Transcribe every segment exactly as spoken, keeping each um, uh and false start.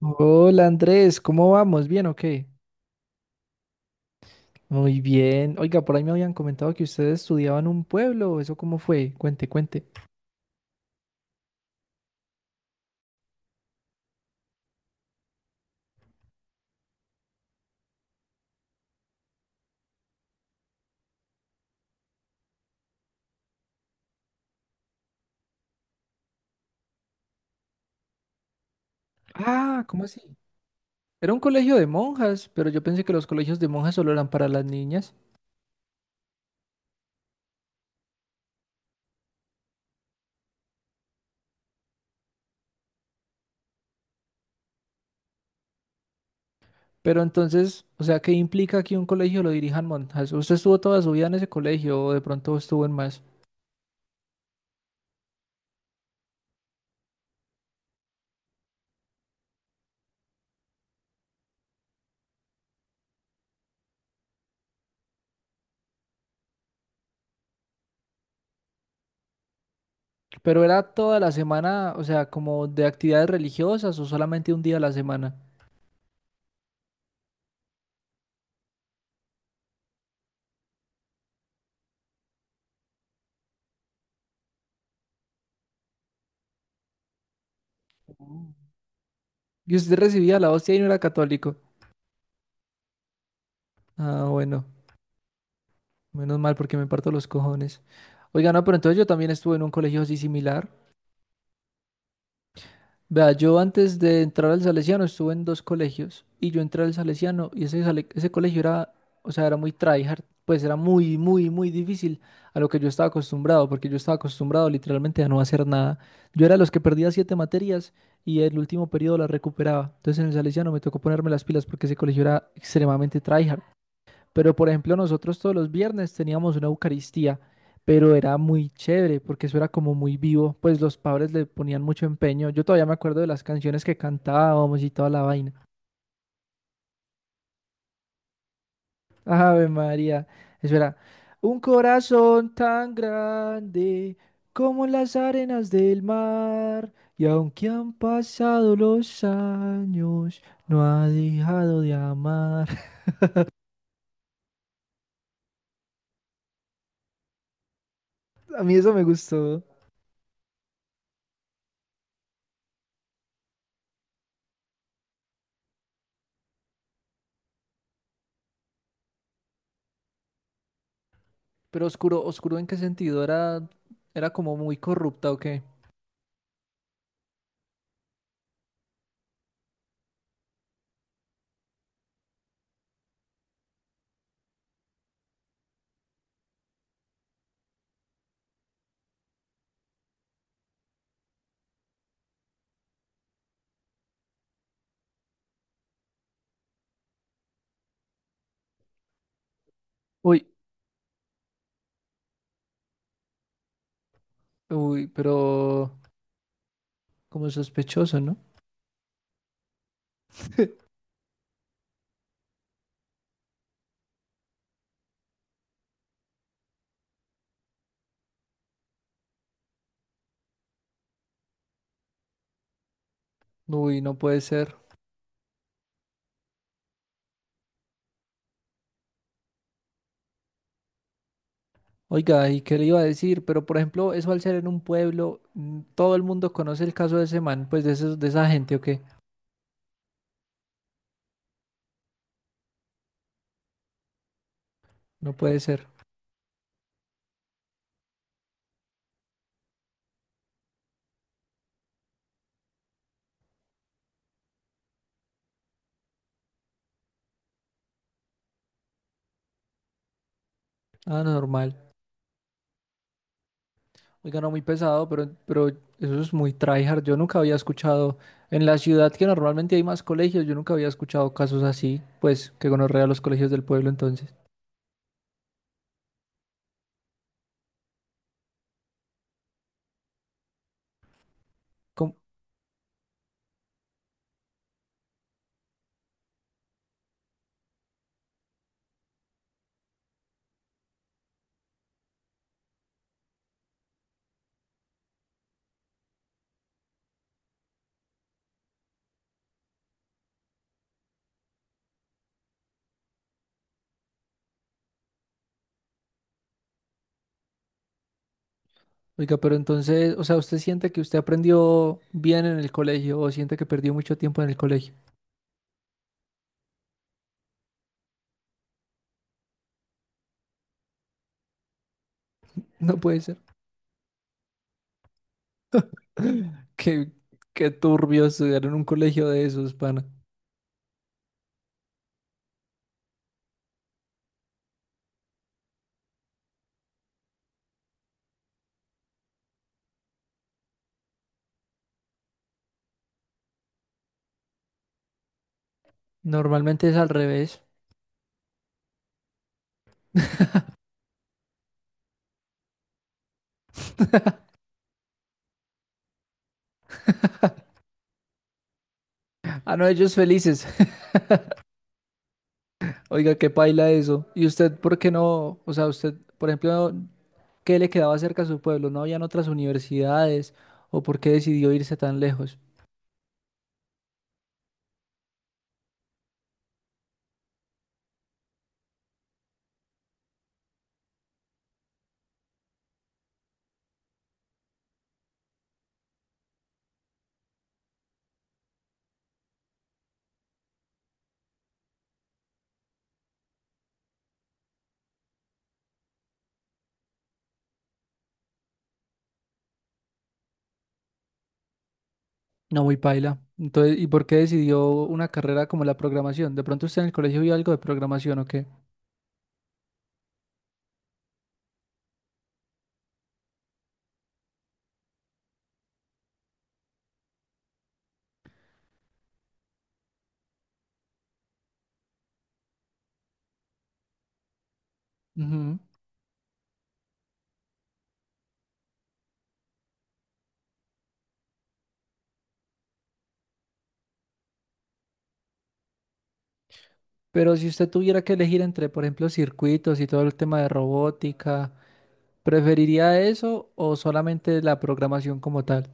Hola Andrés, ¿cómo vamos? ¿Bien o qué? Muy bien. Oiga, por ahí me habían comentado que ustedes estudiaban en un pueblo. ¿Eso cómo fue? Cuente, cuente. Ah, ¿cómo así? Era un colegio de monjas, pero yo pensé que los colegios de monjas solo eran para las niñas. Pero entonces, o sea, ¿qué implica que un colegio lo dirijan monjas? ¿Usted estuvo toda su vida en ese colegio o de pronto estuvo en más? Pero era toda la semana, o sea, como de actividades religiosas o solamente un día a la semana. Oh. Y usted recibía la hostia y no era católico. Ah, bueno. Menos mal porque me parto los cojones. Oiga, no, pero entonces yo también estuve en un colegio así similar. Vea, yo antes de entrar al Salesiano estuve en dos colegios y yo entré al Salesiano y ese, sale- ese colegio era, o sea, era muy tryhard, pues era muy, muy, muy difícil a lo que yo estaba acostumbrado, porque yo estaba acostumbrado literalmente a no hacer nada. Yo era de los que perdía siete materias y el último periodo las recuperaba. Entonces en el Salesiano me tocó ponerme las pilas porque ese colegio era extremadamente tryhard. Pero por ejemplo, nosotros todos los viernes teníamos una Eucaristía, pero era muy chévere porque eso era como muy vivo, pues los padres le ponían mucho empeño. Yo todavía me acuerdo de las canciones que cantábamos y toda la vaina. Ave María, eso era un corazón tan grande como las arenas del mar, y aunque han pasado los años, no ha dejado de amar. A mí eso me gustó. Pero oscuro, oscuro ¿en qué sentido? ¿Era, era como muy corrupta o qué? Uy, uy, pero como sospechoso, ¿no? Uy, no puede ser. Oiga, ¿y qué le iba a decir? Pero por ejemplo, eso al ser en un pueblo, mm, todo el mundo conoce el caso de ese man, pues de esos, de esa gente o qué. No puede ser. Ah, normal. Oiga, no muy pesado, pero, pero eso es muy tryhard. Yo nunca había escuchado en la ciudad que normalmente hay más colegios, yo nunca había escuchado casos así, pues que gonorrea los colegios del pueblo entonces. ¿Cómo- Oiga, pero entonces, o sea, ¿usted siente que usted aprendió bien en el colegio o siente que perdió mucho tiempo en el colegio? No puede ser. Qué, qué turbio estudiar en un colegio de esos, pana. Normalmente es al revés. Ah, no, ellos felices. Oiga, qué paila eso. ¿Y usted por qué no? O sea, usted, por ejemplo, ¿qué le quedaba cerca a su pueblo? ¿No habían otras universidades? ¿O por qué decidió irse tan lejos? No, muy paila. Entonces, ¿y por qué decidió una carrera como la programación? De pronto usted en el colegio vio algo de programación, ¿o qué? Ujú. Pero si usted tuviera que elegir entre, por ejemplo, circuitos y todo el tema de robótica, ¿preferiría eso o solamente la programación como tal?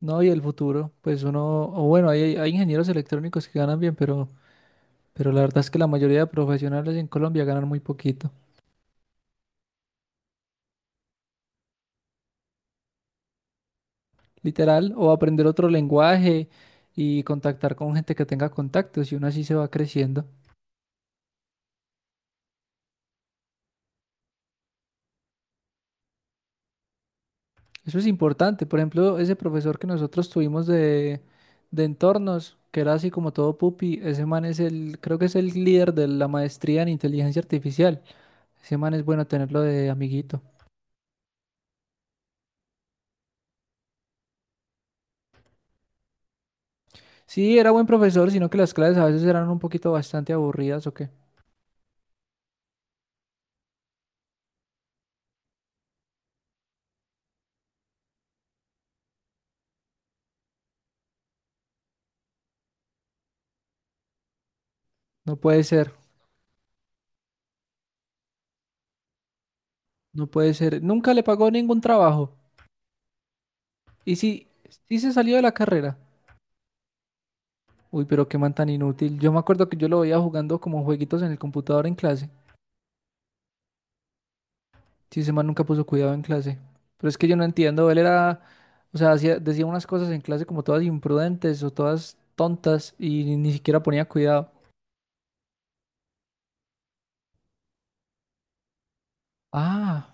No, y el futuro, pues uno, o bueno, hay, hay ingenieros electrónicos que ganan bien, pero, pero la verdad es que la mayoría de profesionales en Colombia ganan muy poquito. Literal, o aprender otro lenguaje y contactar con gente que tenga contactos y uno así se va creciendo. Eso es importante. Por ejemplo, ese profesor que nosotros tuvimos de, de entornos, que era así como todo pupi, ese man es el, creo que es el líder de la maestría en inteligencia artificial. Ese man es bueno tenerlo de amiguito. Sí, era buen profesor, sino que las clases a veces eran un poquito bastante aburridas o qué. No puede ser, no puede ser. Nunca le pagó ningún trabajo. Y sí, sí se salió de la carrera. Uy, pero qué man tan inútil. Yo me acuerdo que yo lo veía jugando como jueguitos en el computador en clase. Sí, ese man nunca puso cuidado en clase. Pero es que yo no entiendo, él era, o sea, hacía- decía unas cosas en clase como todas imprudentes o todas tontas y ni, ni siquiera ponía cuidado. Ah,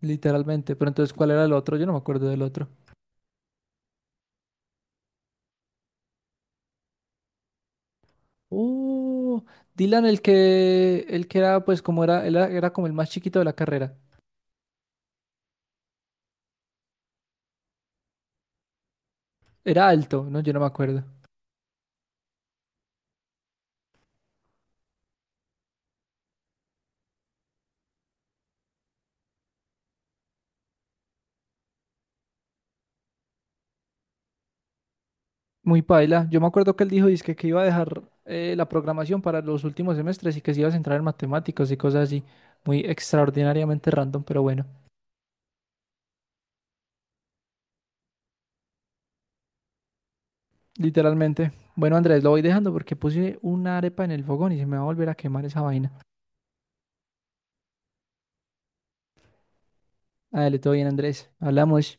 literalmente. Pero entonces, ¿cuál era el otro? Yo no me acuerdo del otro. Uh, Dylan, el que, el que era, pues, como era, él era, era como el más chiquito de la carrera. Era alto, ¿no? Yo no me acuerdo. Muy paila. Yo me acuerdo que él dijo, dizque que iba a dejar eh, la programación para los últimos semestres y que se iba a centrar en matemáticas y cosas así. Muy extraordinariamente random, pero bueno. Literalmente. Bueno, Andrés, lo voy dejando porque puse una arepa en el fogón y se me va a volver a quemar esa vaina. Dale, todo bien, Andrés. Hablamos.